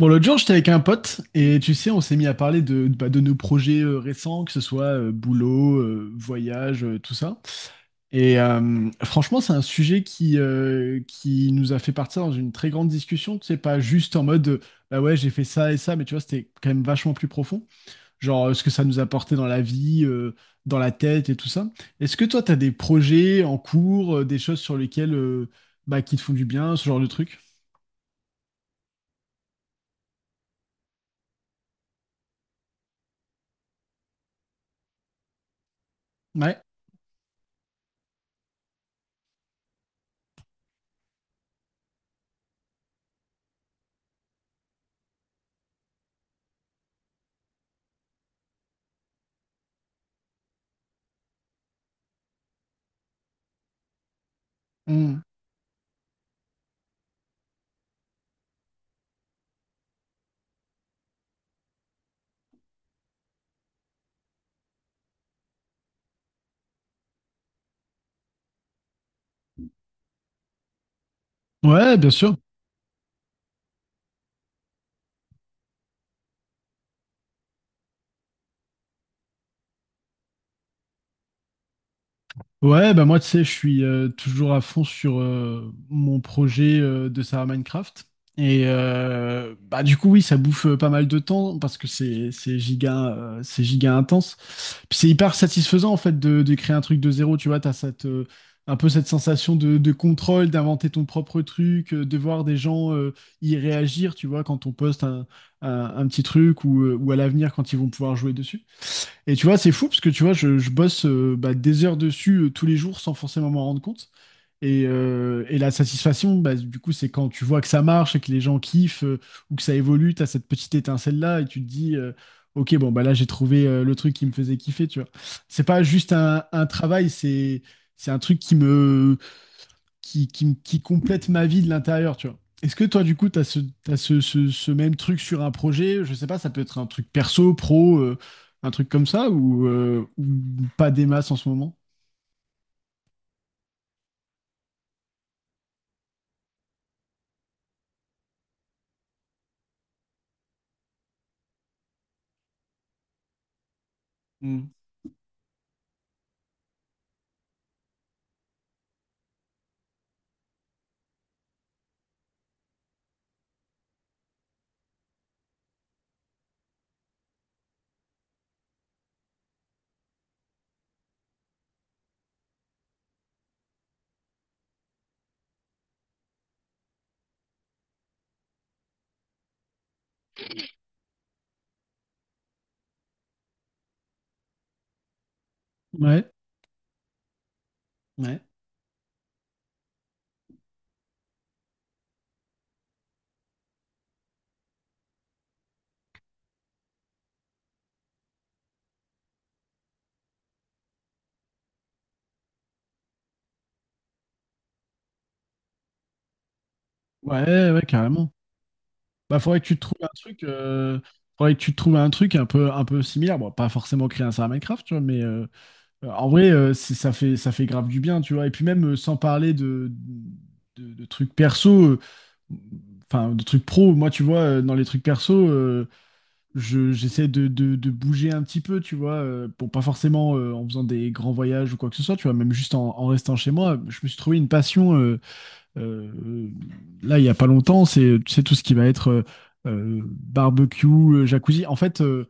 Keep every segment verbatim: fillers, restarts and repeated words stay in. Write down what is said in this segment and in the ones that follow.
Bon, l'autre jour, j'étais avec un pote et tu sais, on s'est mis à parler de, bah, de nos projets euh, récents, que ce soit euh, boulot, euh, voyage, euh, tout ça. Et euh, franchement, c'est un sujet qui, euh, qui nous a fait partir dans une très grande discussion. Tu sais, pas juste en mode, euh, bah ouais, j'ai fait ça et ça, mais tu vois, c'était quand même vachement plus profond. Genre, euh, ce que ça nous a apporté dans la vie, euh, dans la tête et tout ça. Est-ce que toi, t'as des projets en cours, euh, des choses sur lesquelles, euh, bah, qui te font du bien, ce genre de truc? Ouais. Mm. Ouais, bien sûr. Ouais, bah moi, tu sais, je suis euh, toujours à fond sur euh, mon projet euh, de Sarah Minecraft. Et euh, bah du coup, oui, ça bouffe euh, pas mal de temps parce que c'est c'est giga, euh, c'est giga intense. Puis c'est hyper satisfaisant, en fait, de, de créer un truc de zéro. Tu vois, t'as cette, euh, un peu cette sensation de, de contrôle, d'inventer ton propre truc, euh, de voir des gens euh, y réagir, tu vois, quand on poste un, un, un petit truc ou, euh, ou à l'avenir quand ils vont pouvoir jouer dessus. Et tu vois, c'est fou parce que tu vois, je, je bosse euh, bah, des heures dessus euh, tous les jours sans forcément m'en rendre compte. Et, euh, et la satisfaction, bah, du coup, c'est quand tu vois que ça marche et que les gens kiffent euh, ou que ça évolue, t'as cette petite étincelle-là et tu te dis, euh, ok, bon, bah là, j'ai trouvé euh, le truc qui me faisait kiffer, tu vois. C'est pas juste un, un travail, c'est, c'est un truc qui me, qui, qui, qui complète ma vie de l'intérieur, tu vois. Est-ce que toi, du coup, tu as, ce, t'as ce, ce- ce même truc sur un projet? Je sais pas, ça peut être un truc perso, pro, euh, un truc comme ça, ou, euh, ou pas des masses en ce moment? Hmm. Ouais, ouais, ouais, ouais, carrément. Bah, faudrait que tu te trouves un truc, euh, faudrait que tu te trouves un truc un peu, un peu similaire. Bon, pas forcément créer un serveur Minecraft, tu vois, mais euh, euh, en vrai, euh, c'est- ça fait, ça fait grave du bien, tu vois. Et puis même, euh, sans parler de, de, de trucs perso, euh, enfin de trucs pro moi tu vois euh, dans les trucs perso euh, je j'essaie de, de- de bouger un petit peu tu vois euh, bon pas forcément euh, en faisant des grands voyages ou quoi que ce soit tu vois même juste en, en restant chez moi je me suis trouvé une passion euh, euh, euh, là il y a pas longtemps c'est tu sais tout ce qui va être euh, euh, barbecue euh, jacuzzi en fait euh,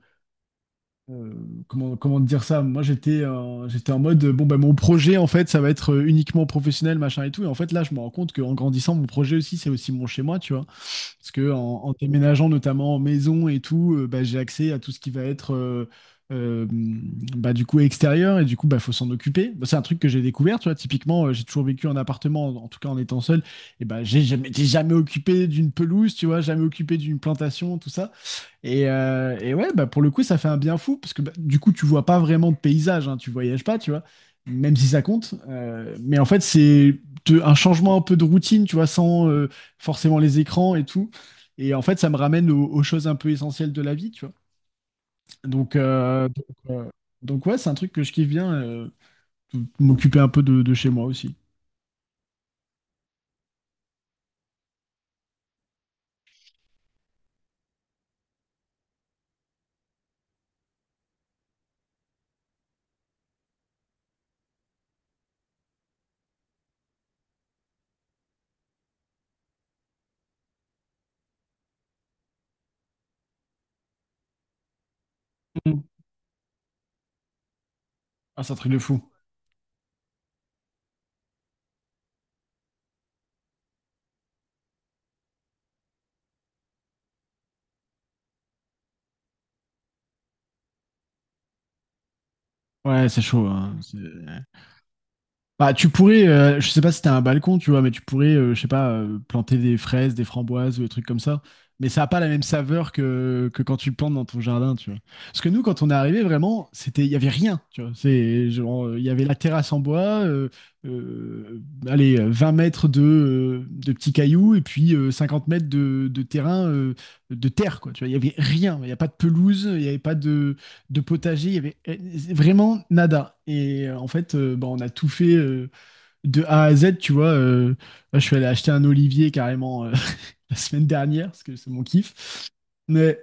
euh, comment, comment te dire ça? Moi, j'étais en- j'étais en mode, euh, bon, ben, mon projet, en fait, ça va être euh, uniquement professionnel, machin et tout. Et en fait, là, je me rends compte qu'en grandissant, mon projet aussi, c'est aussi mon chez-moi, tu vois. Parce que en, en déménageant, notamment en maison et tout, euh, bah, j'ai accès à tout ce qui va être, euh, euh, bah, du coup, extérieur. Et du coup, bah, faut s'en occuper. Bah, c'est un truc que j'ai découvert, tu vois. Typiquement, euh, j'ai toujours vécu en appartement, en, en tout cas en étant seul. Et bah, j'ai jamais, j'étais jamais occupé d'une pelouse, tu vois, jamais occupé d'une plantation, tout ça. Et, euh, et ouais, bah pour le coup, ça fait un bien fou, parce que bah, du coup, tu vois pas vraiment de paysage, hein, tu voyages pas, tu vois, même si ça compte. Euh, mais en fait, c'est te- un changement un peu de routine, tu vois, sans euh, forcément les écrans et tout. Et en fait, ça me ramène aux, aux choses un peu essentielles de la vie, tu vois. Donc, euh, donc, euh, donc ouais, c'est un truc que je kiffe bien, euh, de m'occuper un peu de, de chez moi aussi. Mm. Ah, c'est un truc de fou. Ouais, c'est chaud, hein, c'est- Bah, tu pourrais, euh, je sais pas si t'as un balcon, tu vois, mais tu pourrais, euh, je sais pas, euh, planter des fraises, des framboises ou des trucs comme ça. Mais ça a pas la même saveur que, que quand tu le plantes dans ton jardin, tu vois. Parce que nous, quand on est arrivé, vraiment, c'était, il y avait rien, tu vois. C'est genre, euh, il y avait la terrasse en bois, euh, euh, allez, euh, vingt mètres de, euh, de petits cailloux et puis euh, cinquante mètres de, de terrain, euh, de terre, quoi. Tu vois, il y avait rien. Il n'y a pas de pelouse, il n'y avait pas de de potager, il y avait eh, vraiment nada. Et euh, en fait, euh, bah, on a tout fait euh, de A à Z, tu vois. euh, là, je suis allé acheter un olivier carrément euh, la semaine dernière, parce que c'est mon kiff. Mais,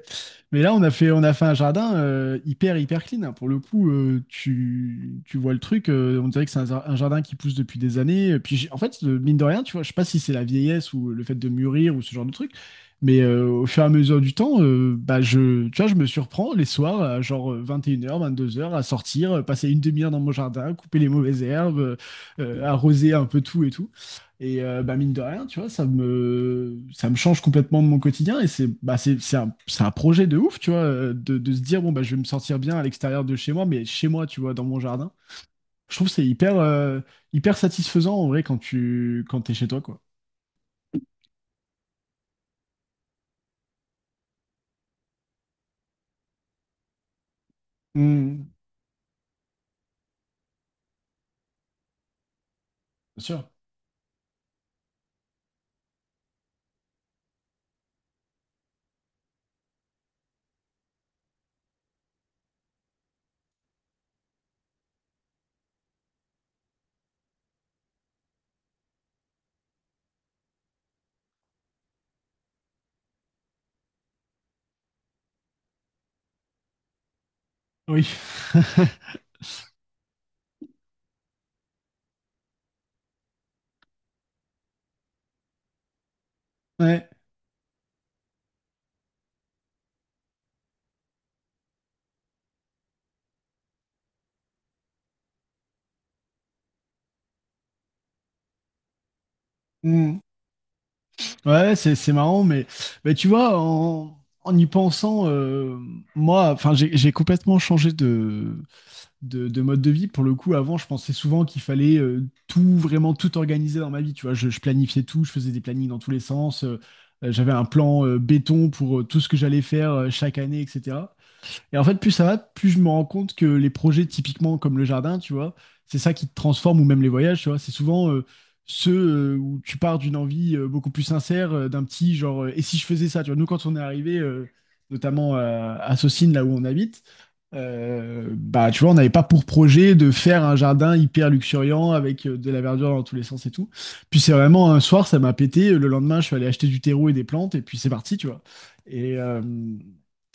mais là, on a fait, on a fait un jardin euh, hyper, hyper clean, hein. Pour le coup, euh, tu, tu vois le truc, euh, on dirait que c'est un, jar- un jardin qui pousse depuis des années. Et puis, j'ai- en fait, euh, mine de rien, tu vois, je sais pas si c'est la vieillesse ou le fait de mûrir ou ce genre de truc, mais euh, au fur et à mesure du temps, euh, bah, je, tu vois, je me surprends les soirs, à genre vingt et une heures, vingt-deux heures, à sortir, euh, passer une demi-heure dans mon jardin, couper les mauvaises herbes euh, arroser un peu tout et tout. Et euh, bah, mine de rien, tu vois, ça me, ça me change complètement de mon quotidien. Et c'est bah, c'est, c'est un, c'est un projet de ouf, tu vois, euh, de, de se dire, bon, bah, je vais me sentir bien à l'extérieur de chez moi, mais chez moi, tu vois, dans mon jardin. Je trouve que c'est hyper, euh, hyper satisfaisant, en vrai, quand tu quand t'es chez toi, quoi. Mm, bien sûr. Oui. Ouais. Mm. Ouais, c'est, c'est marrant, mais, mais tu vois, en, en y pensant, euh, moi, enfin, j'ai j'ai complètement changé de, de, de mode de vie. Pour le coup, avant, je pensais souvent qu'il fallait euh, tout, vraiment tout organiser dans ma vie. Tu vois, je, je planifiais tout, je faisais des plannings dans tous les sens. euh, euh, j'avais un plan euh, béton pour euh, tout ce que j'allais faire euh, chaque année, et cetera. Et en fait, plus ça va, plus je me rends compte que les projets typiquement comme le jardin, tu vois, c'est ça qui te transforme ou même les voyages, tu vois. C'est souvent euh, ceux euh, où tu pars d'une envie euh, beaucoup plus sincère, euh, d'un petit genre, euh, et si je faisais ça, tu vois. Nous, quand on est arrivé, euh, notamment à, à Saucines, là où on habite, euh, bah, tu vois, on n'avait pas pour projet de faire un jardin hyper luxuriant avec euh, de la verdure dans tous les sens et tout. Puis c'est vraiment un soir, ça m'a pété. Le lendemain, je suis allé acheter du terreau et des plantes, et puis c'est parti, tu vois. Et, euh,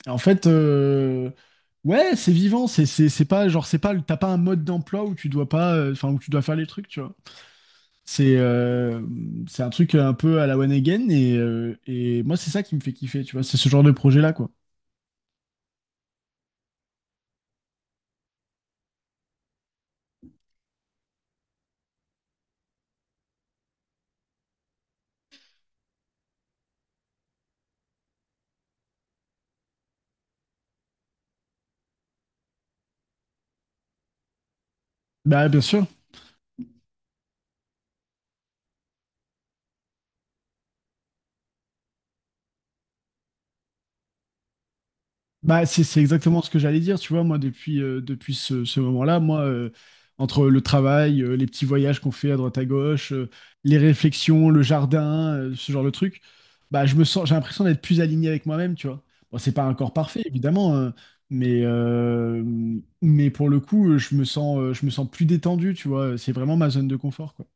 en fait, euh, ouais, c'est vivant. C'est c'est- c'est pas genre c'est pas le- t'as pas un mode d'emploi où tu dois pas, euh, enfin où tu dois faire les trucs, tu vois. C'est euh, c'est un truc un peu à la One Again et euh, et moi c'est ça qui me fait kiffer, tu vois. C'est ce genre de projet-là, quoi. Bah bien sûr. Bah, c'est c'est exactement ce que j'allais dire, tu vois, moi, depuis, euh, depuis ce, ce moment-là, moi, euh, entre le travail, euh, les petits voyages qu'on fait à droite à gauche, euh, les réflexions, le jardin, euh, ce genre de truc, bah, je me sens, j'ai l'impression d'être plus aligné avec moi-même, tu vois. Bon, c'est pas encore parfait, évidemment, hein, mais, euh, mais pour le coup, euh, je me sens, euh, je me sens plus détendu, tu vois, c'est vraiment ma zone de confort, quoi.